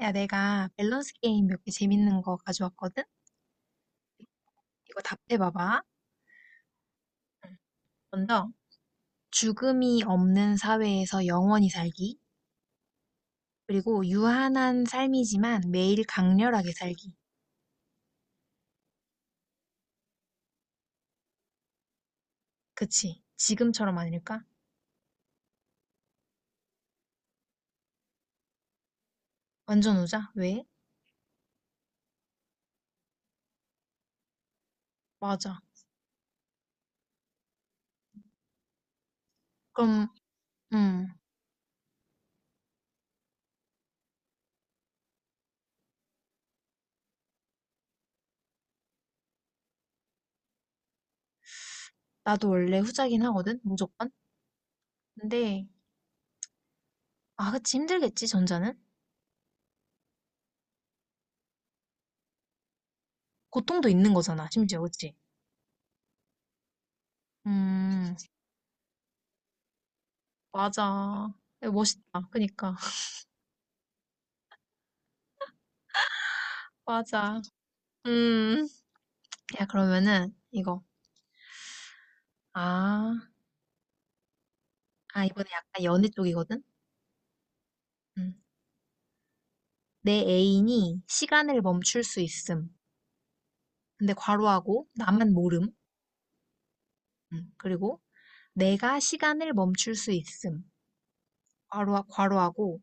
야, 내가 밸런스 게임 몇 개 재밌는 거 가져왔거든? 이거 답해봐봐. 먼저, 죽음이 없는 사회에서 영원히 살기. 그리고 유한한 삶이지만 매일 강렬하게 살기. 그치? 지금처럼 아닐까? 완전 후자? 왜? 맞아. 그럼, 음, 나도 원래 후자긴 하거든? 무조건? 근데, 아, 그치. 힘들겠지, 전자는? 고통도 있는 거잖아, 심지어, 그치? 음, 맞아. 멋있다. 그니까. 맞아. 음. 야, 그러면은 이거. 아, 아 이번에 약간 연애 쪽이거든? 음. 내 애인이 시간을 멈출 수 있음. 근데 괄호하고 나만 모름. 음. 그리고 내가 시간을 멈출 수 있음. 괄호하고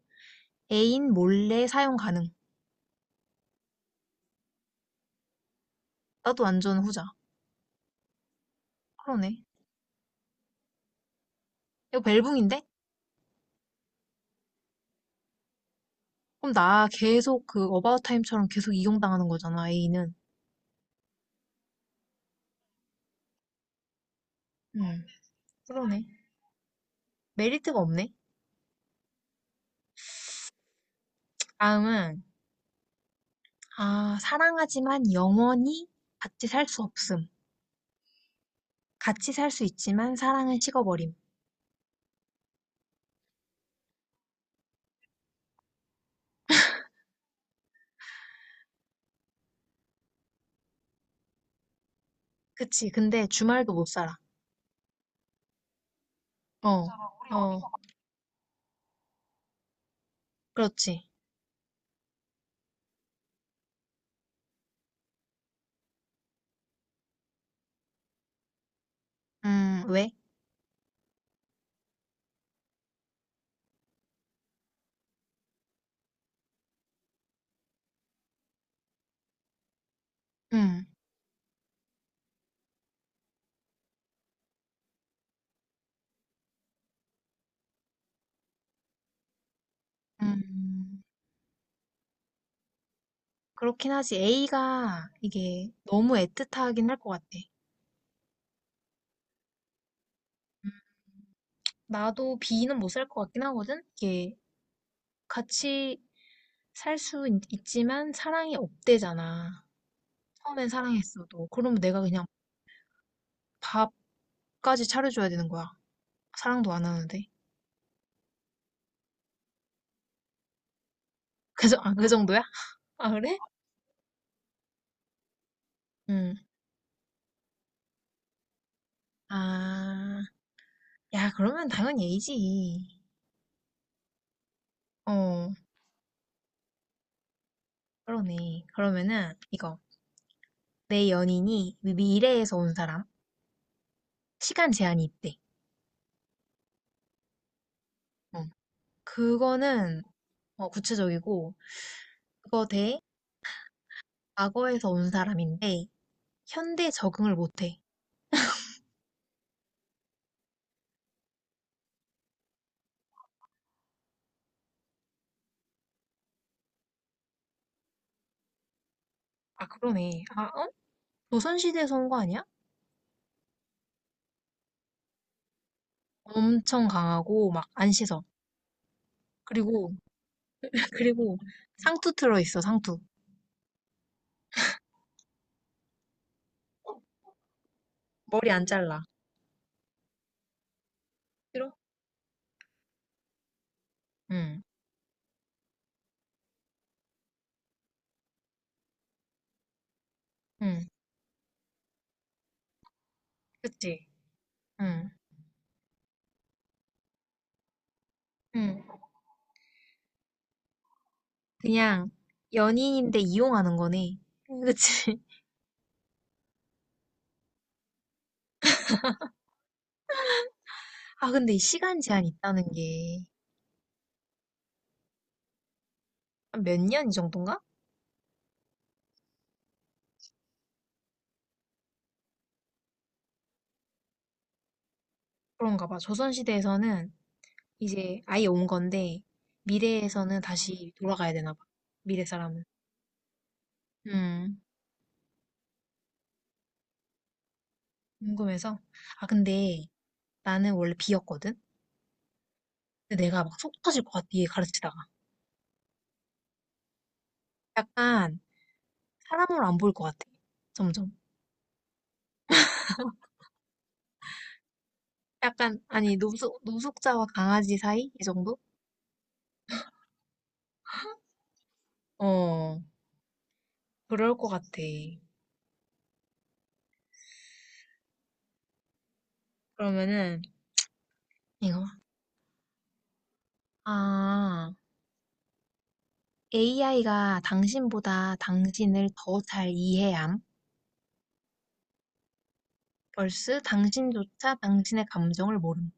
애인 몰래 사용 가능. 나도 완전 후자. 그러네. 이거 벨붕인데? 그럼 나 계속 그 어바웃 타임처럼 계속 이용당하는 거잖아, 애인은. 음. 그러네. 메리트가 없네. 다음은 아, 사랑하지만 영원히 같이 살 수 없음. 같이 살 수 있지만 사랑은 식어버림. 그치. 근데 주말도 못 살아. 어, 우리 어, 어디서 그렇지. 왜? 음, 음. 그렇긴 하지. A가 이게 너무 애틋하긴 할 것 같아. 음, 나도 B는 못살 것 같긴 하거든? 이게 같이 살 수 있지만 사랑이 없대잖아. 처음엔 사랑했어도. 그러면 내가 그냥 밥까지 차려줘야 되는 거야. 사랑도 안 하는데. 아, 그 정도야? 아, 그래? 응. 아. 야, 그러면 당연히 A지. 어, 그러네. 그러면은 이거 내 연인이 미래에서 온 사람 시간 제한이 있대. 어, 그거는 어, 구체적이고 그거 대 과거에서 온 사람인데 현대 적응을 못해. 아, 그러네. 아, 어? 조선시대에서 온 거 아니야? 엄청 강하고 막 안 씻어. 그리고 그리고 상투 틀어 있어. 상투. 어, 머리 안 잘라. 싫어? 응, 응, 그치. 응, 응. 그냥 연인인데 이용하는 거네. 응. 그치? 아, 근데 이 시간 제한이 있다는 게 몇 년 이 정도인가? 그런가 봐. 조선시대에서는 이제 아예 온 건데, 미래에서는 다시 돌아가야 되나 봐. 미래 사람은. 음, 궁금해서. 아, 근데 나는 원래 비였거든? 근데 내가 막 속 터질 것 같아, 얘 가르치다가. 약간 사람으로 안 보일 것 같아. 점점. 약간, 아니, 노숙자와 강아지 사이? 이 정도? 어, 그럴 것 같아. 그러면은 이거 아 AI가 당신보다 당신을 더 잘 이해함 벌스 당신조차 당신의 감정을 모름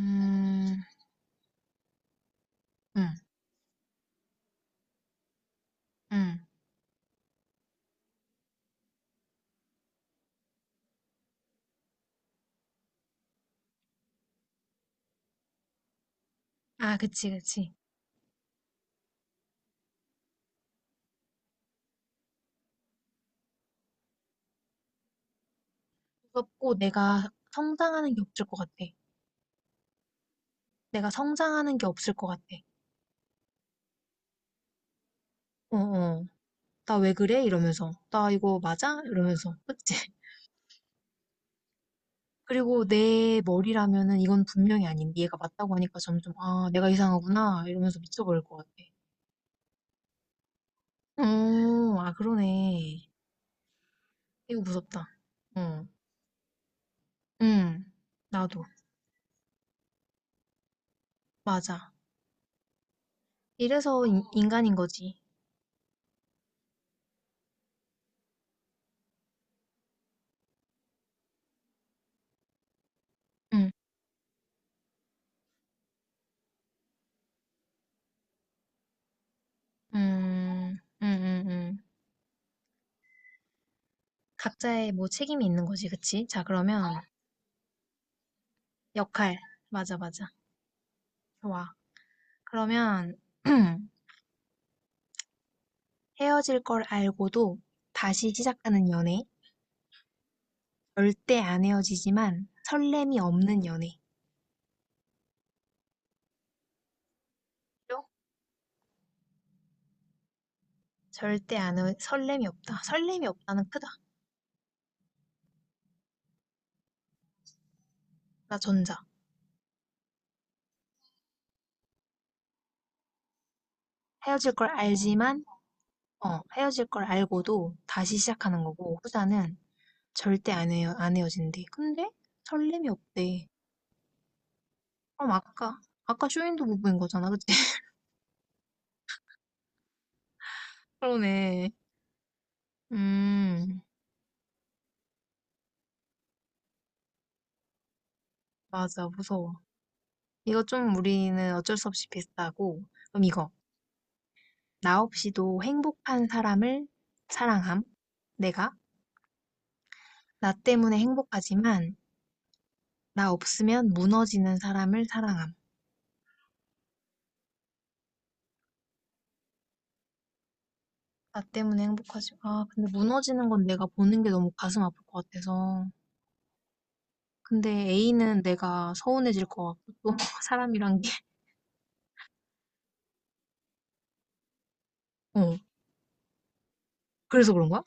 음, 음, 음. 아 그치 그치 무섭고 내가 성장하는 게 없을 것 같아 내가 성장하는 게 없을 것 같아 어어 나 왜 그래 이러면서 나 이거 맞아 이러면서 그치 그리고 내 머리라면은 이건 분명히 아닌 얘가 맞다고 하니까 점점 아 내가 이상하구나 이러면서 미쳐버릴 것 같아 어, 아, 그러네. 이거 무섭다. 어, 응, 나도. 맞아. 이래서 인간인 거지. 응, 응, 응, 응. 각자의 뭐 책임이 있는 거지, 그치? 자, 그러면 역할. 맞아, 맞아. 좋아. 그러면 헤어질 걸 알고도 다시 시작하는 연애. 절대 안 헤어지지만 설렘이 없는 연애. 죠 절대 안, 헤- 설렘이 없다. 설렘이 없다는 크다. 나 전자. 헤어질 걸 알지만 어, 헤어질 걸 알고도 다시 시작하는 거고, 후자는 절대 안 헤어, 안 헤어진대. 근데 설렘이 없대. 그럼 아까, 아까 쇼윈도 못 본 거잖아, 그치? 그러네. 음, 맞아, 무서워. 이거 좀 우리는 어쩔 수 없이 비슷하고, 그럼 이거. 나 없이도 행복한 사람을 사랑함. 내가 나 때문에 행복하지만, 나 없으면 무너지는 사람을 사랑함. 나 때문에 행복하지. 아, 근데 무너지는 건 내가 보는 게 너무 가슴 아플 것 같아서. 근데 A는 내가 서운해질 것 같고 또 사람이란 게 어. 그래서 그런 거야?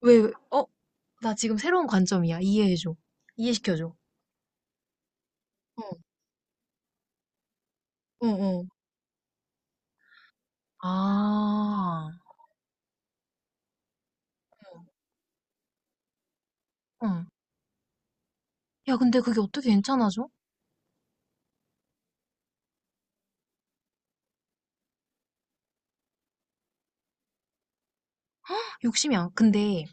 왜, 왜? 어? 나 지금 새로운 관점이야. 이해해줘. 이해시켜줘. 어, 어, 어. 아, 응. 야, 근데 그게 어떻게 괜찮아져? 욕심이 안, 근데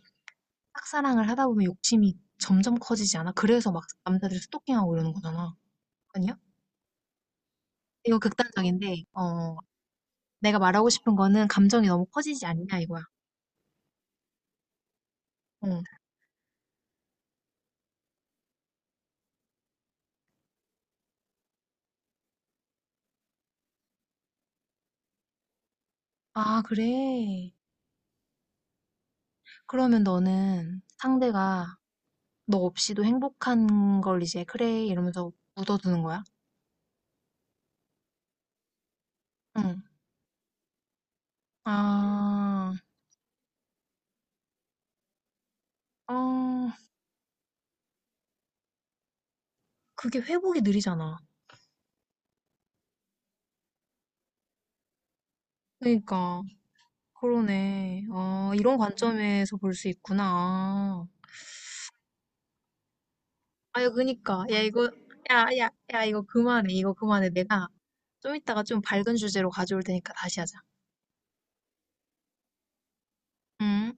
짝사랑을 하다 보면 욕심이 점점 커지지 않아? 그래서 막 남자들이 스토킹하고 이러는 거잖아. 아니야? 이거 극단적인데, 어, 내가 말하고 싶은 거는 감정이 너무 커지지 않냐, 이거야. 응. 아, 그래. 그러면 너는 상대가 너 없이도 행복한 걸 이제 그래 이러면서 묻어두는 거야? 응. 아, 어, 그게 회복이 느리잖아. 그러니까 그러네. 아, 이런 관점에서 볼 수 있구나. 아유, 그니까 야 이거 야, 야, 야 이거 그만해. 이거 그만해. 내가 좀 이따가 좀 밝은 주제로 가져올 테니까 다시 하자. 음.